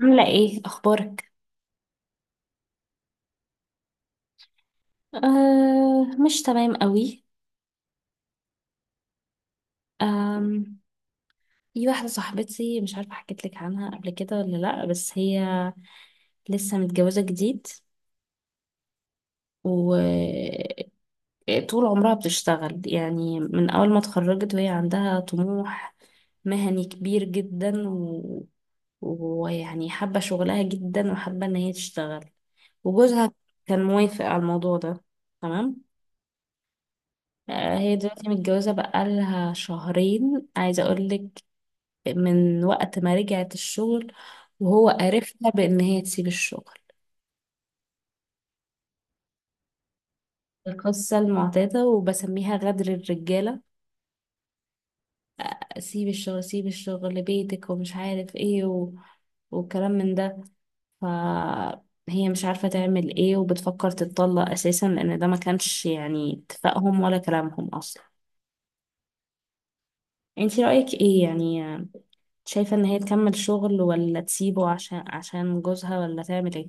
عاملة ايه اخبارك؟ آه، مش تمام قوي. آم في واحدة صاحبتي، مش عارفة حكيت لك عنها قبل كده ولا لا، بس هي لسه متجوزة جديد، وطول عمرها بتشتغل يعني من اول ما اتخرجت، وهي عندها طموح مهني كبير جدا ويعني حابة شغلها جدا، وحابة ان هي تشتغل، وجوزها كان موافق على الموضوع ده، تمام. آه، هي دلوقتي متجوزة بقالها شهرين، عايزة أقولك، من وقت ما رجعت الشغل وهو قرفها بإن هي تسيب الشغل. القصة المعتادة وبسميها غدر الرجالة. سيب الشغل، سيب الشغل لبيتك، ومش عارف ايه وكلام من ده. فهي مش عارفة تعمل ايه، وبتفكر تتطلق أساسا، لأن ده ما كانش يعني اتفاقهم ولا كلامهم أصلا. انتي رأيك ايه يعني؟ شايفة ان هي تكمل شغل ولا تسيبه عشان جوزها، ولا تعمل ايه؟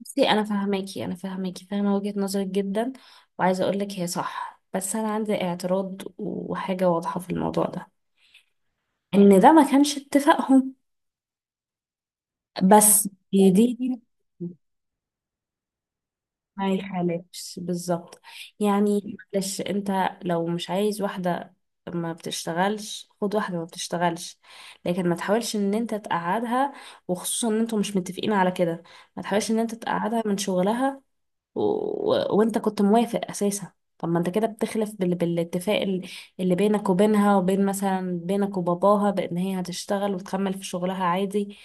بصي، انا فاهماكي، فاهمة وجهة نظرك جدا، وعايزة اقولك هي صح، بس انا عندي اعتراض وحاجة واضحة في الموضوع ده، ان ده ما كانش اتفاقهم. بس دي ما يخالفش بالظبط، يعني معلش انت، لو مش عايز واحدة ما بتشتغلش خد واحدة ما بتشتغلش، لكن ما تحاولش ان انت تقعدها، وخصوصا ان انتوا مش متفقين على كده، ما تحاولش ان انت تقعدها من شغلها، وانت كنت موافق اساسا. طب ما انت كده بتخلف بالاتفاق اللي بينك وبينها، وبين مثلا بينك وباباها، بان هي هتشتغل وتكمل في شغلها عادي.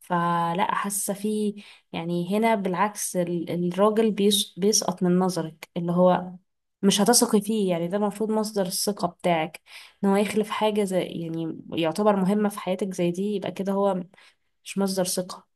فلا، حاسه في، يعني هنا بالعكس الراجل بيسقط من نظرك، اللي هو مش هتثقي فيه، يعني ده المفروض مصدر الثقة بتاعك، ان هو يخلف حاجة زي، يعني، يعتبر مهمة في حياتك زي دي، يبقى كده هو مش مصدر ثقة.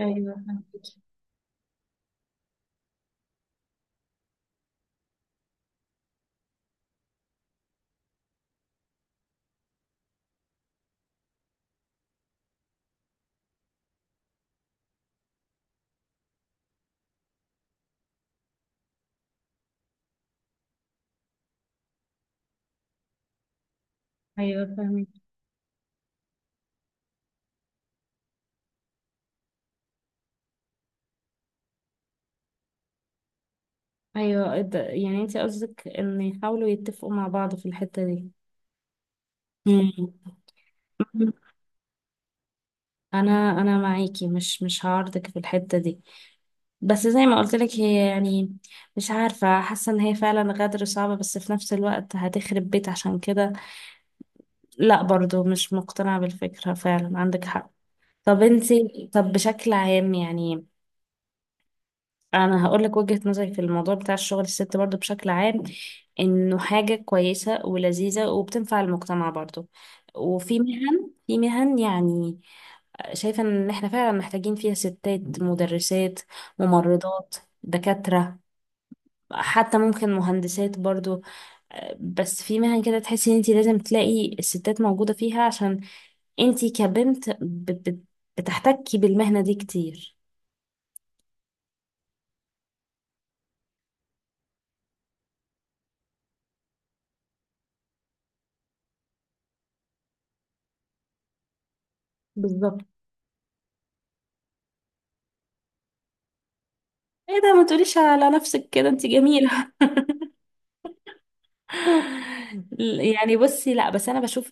ايوه، فهمت. ايوه، فهمت. ايوه، يعني انت قصدك ان يحاولوا يتفقوا مع بعض في الحتة دي. مم. انا انا معاكي، مش هعارضك في الحتة دي، بس زي ما قلت لك هي يعني مش عارفة، حاسة ان هي فعلا غدر صعبة، بس في نفس الوقت هتخرب بيت عشان كده، لا برضو مش مقتنعة بالفكرة، فعلا عندك حق. طب انت طب بشكل عام يعني، انا هقول لك وجهة نظري في الموضوع بتاع الشغل الست برضو بشكل عام، انه حاجة كويسة ولذيذة وبتنفع المجتمع برضو، وفي مهن في مهن يعني، شايفة ان احنا فعلا محتاجين فيها ستات: مدرسات، ممرضات، دكاترة، حتى ممكن مهندسات برضو. بس في مهن كده تحسي ان انت لازم تلاقي الستات موجودة فيها، عشان انت كبنت بتحتكي بالمهنة دي كتير. بالظبط. ايه ده! ما تقوليش على نفسك كده، انت جميلة. يعني بصي، لا بس انا بشوف،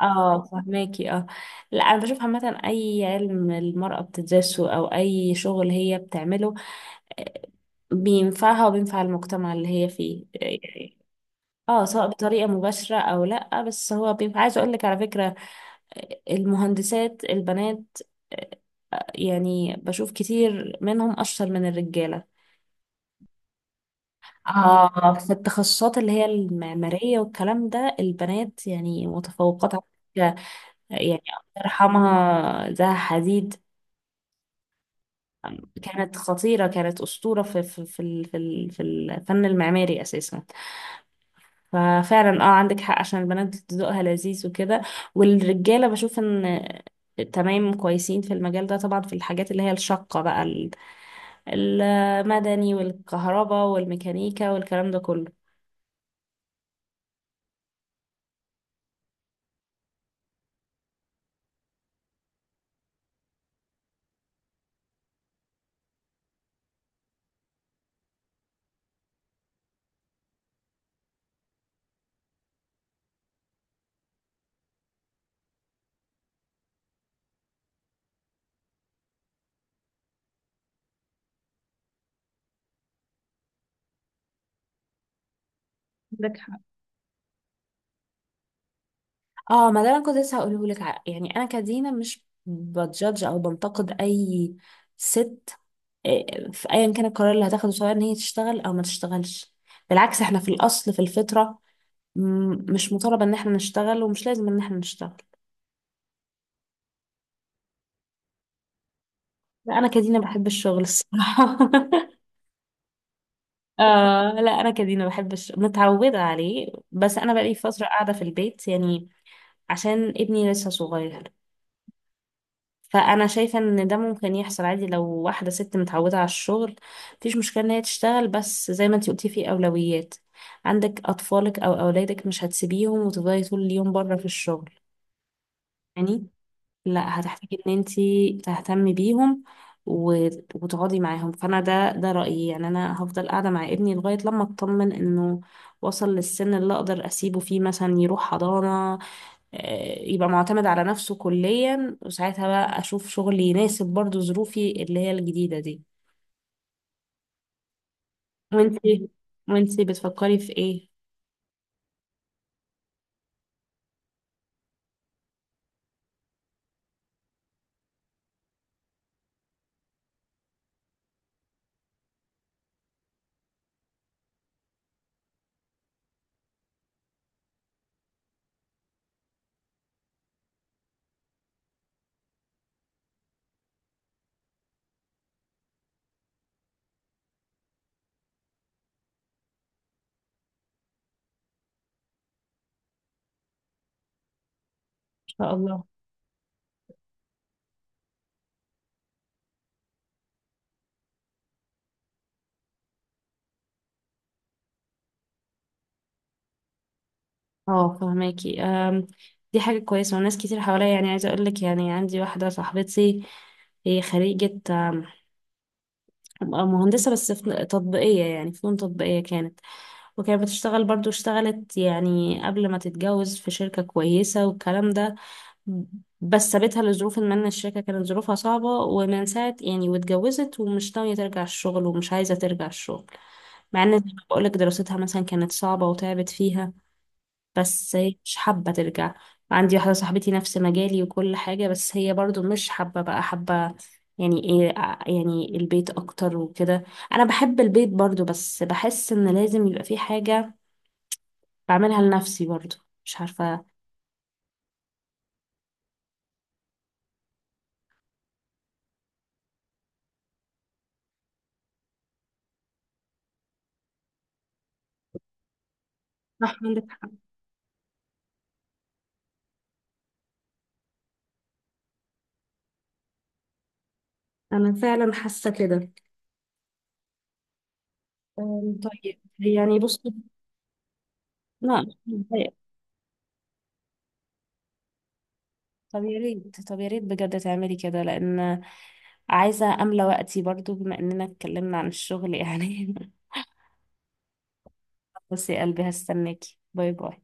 اه فهماكي، اه. لا، انا بشوف عامة اي علم المرأة بتدرسه او اي شغل هي بتعمله، آه، بينفعها وبينفع المجتمع اللي هي فيه، اه سواء بطريقة مباشرة او لا، بس هو بينفع. عايزة اقول لك على فكرة، المهندسات البنات، آه، يعني بشوف كتير منهم اشطر من الرجالة، في التخصصات اللي هي المعمارية والكلام ده، البنات يعني متفوقات على فكرة. يعني الله يرحمها زها حديد، كانت خطيرة، كانت أسطورة في الفن المعماري أساسا. ففعلا عندك حق، عشان البنات ذوقها لذيذ وكده، والرجالة بشوف إن تمام كويسين في المجال ده طبعا، في الحاجات اللي هي الشاقة بقى، المدني والكهرباء والميكانيكا والكلام ده كله. عندك حق. اه، ما ده انا كنت لسه هقوله لك، يعني انا كدينا مش بتجادج او بنتقد اي ست، في ايا كان القرار اللي هتاخده، سواء ان هي تشتغل او ما تشتغلش، بالعكس احنا في الاصل في الفطره مش مطالب ان احنا نشتغل، ومش لازم ان احنا نشتغل. لا، انا كدينا بحب الشغل الصراحه. لا، انا كدينا بحب الشغل، متعوده عليه، بس انا بقالي فتره قاعده في البيت يعني، عشان ابني لسه صغير، فانا شايفه ان ده ممكن يحصل عادي لو واحده ست متعوده على الشغل، مفيش مشكله ان هي تشتغل، بس زي ما انتي قلتي في اولويات، عندك اطفالك او اولادك مش هتسيبيهم وتفضلي طول اليوم بره في الشغل، يعني لا، هتحتاجي ان انتي تهتمي بيهم و- وتقعدي معاهم، فانا ده رايي، يعني انا هفضل قاعده مع ابني لغايه لما اطمن انه وصل للسن اللي اقدر اسيبه فيه مثلا يروح حضانه، يبقى معتمد على نفسه كليا، وساعتها بقى اشوف شغل يناسب برضو ظروفي اللي هي الجديدة دي. وانتي وانتي بتفكري في ايه، ان شاء الله. اه فهماكي، دي حاجة كويسة، وناس كتير حواليا يعني، عايزة اقولك يعني، عندي واحدة صاحبتي، هي خريجة مهندسة، بس في تطبيقية، يعني فنون تطبيقية كانت، وكانت بتشتغل برضو، اشتغلت يعني قبل ما تتجوز في شركة كويسة والكلام ده، بس سابتها لظروف، ما إن الشركة كانت ظروفها صعبة، ومن ساعة يعني واتجوزت، ومش ناوية ترجع الشغل، ومش عايزة ترجع الشغل، مع إن زي ما بقولك دراستها مثلا كانت صعبة وتعبت فيها، بس هي مش حابة ترجع. عندي واحدة صاحبتي نفس مجالي وكل حاجة، بس هي برضو مش حابة بقى، حابة يعني ايه، يعني البيت اكتر وكده، انا بحب البيت برضو، بس بحس ان لازم يبقى في حاجة بعملها لنفسي برضو، مش عارفة. صح عندك حق. انا فعلا حاسة كده. طيب يعني بصي. لا مش متضايقة. طب يا ريت بجد تعملي كده، لان عايزه املى وقتي برضو، بما اننا اتكلمنا عن الشغل يعني. بصي يا قلبي، هستناكي. باي باي.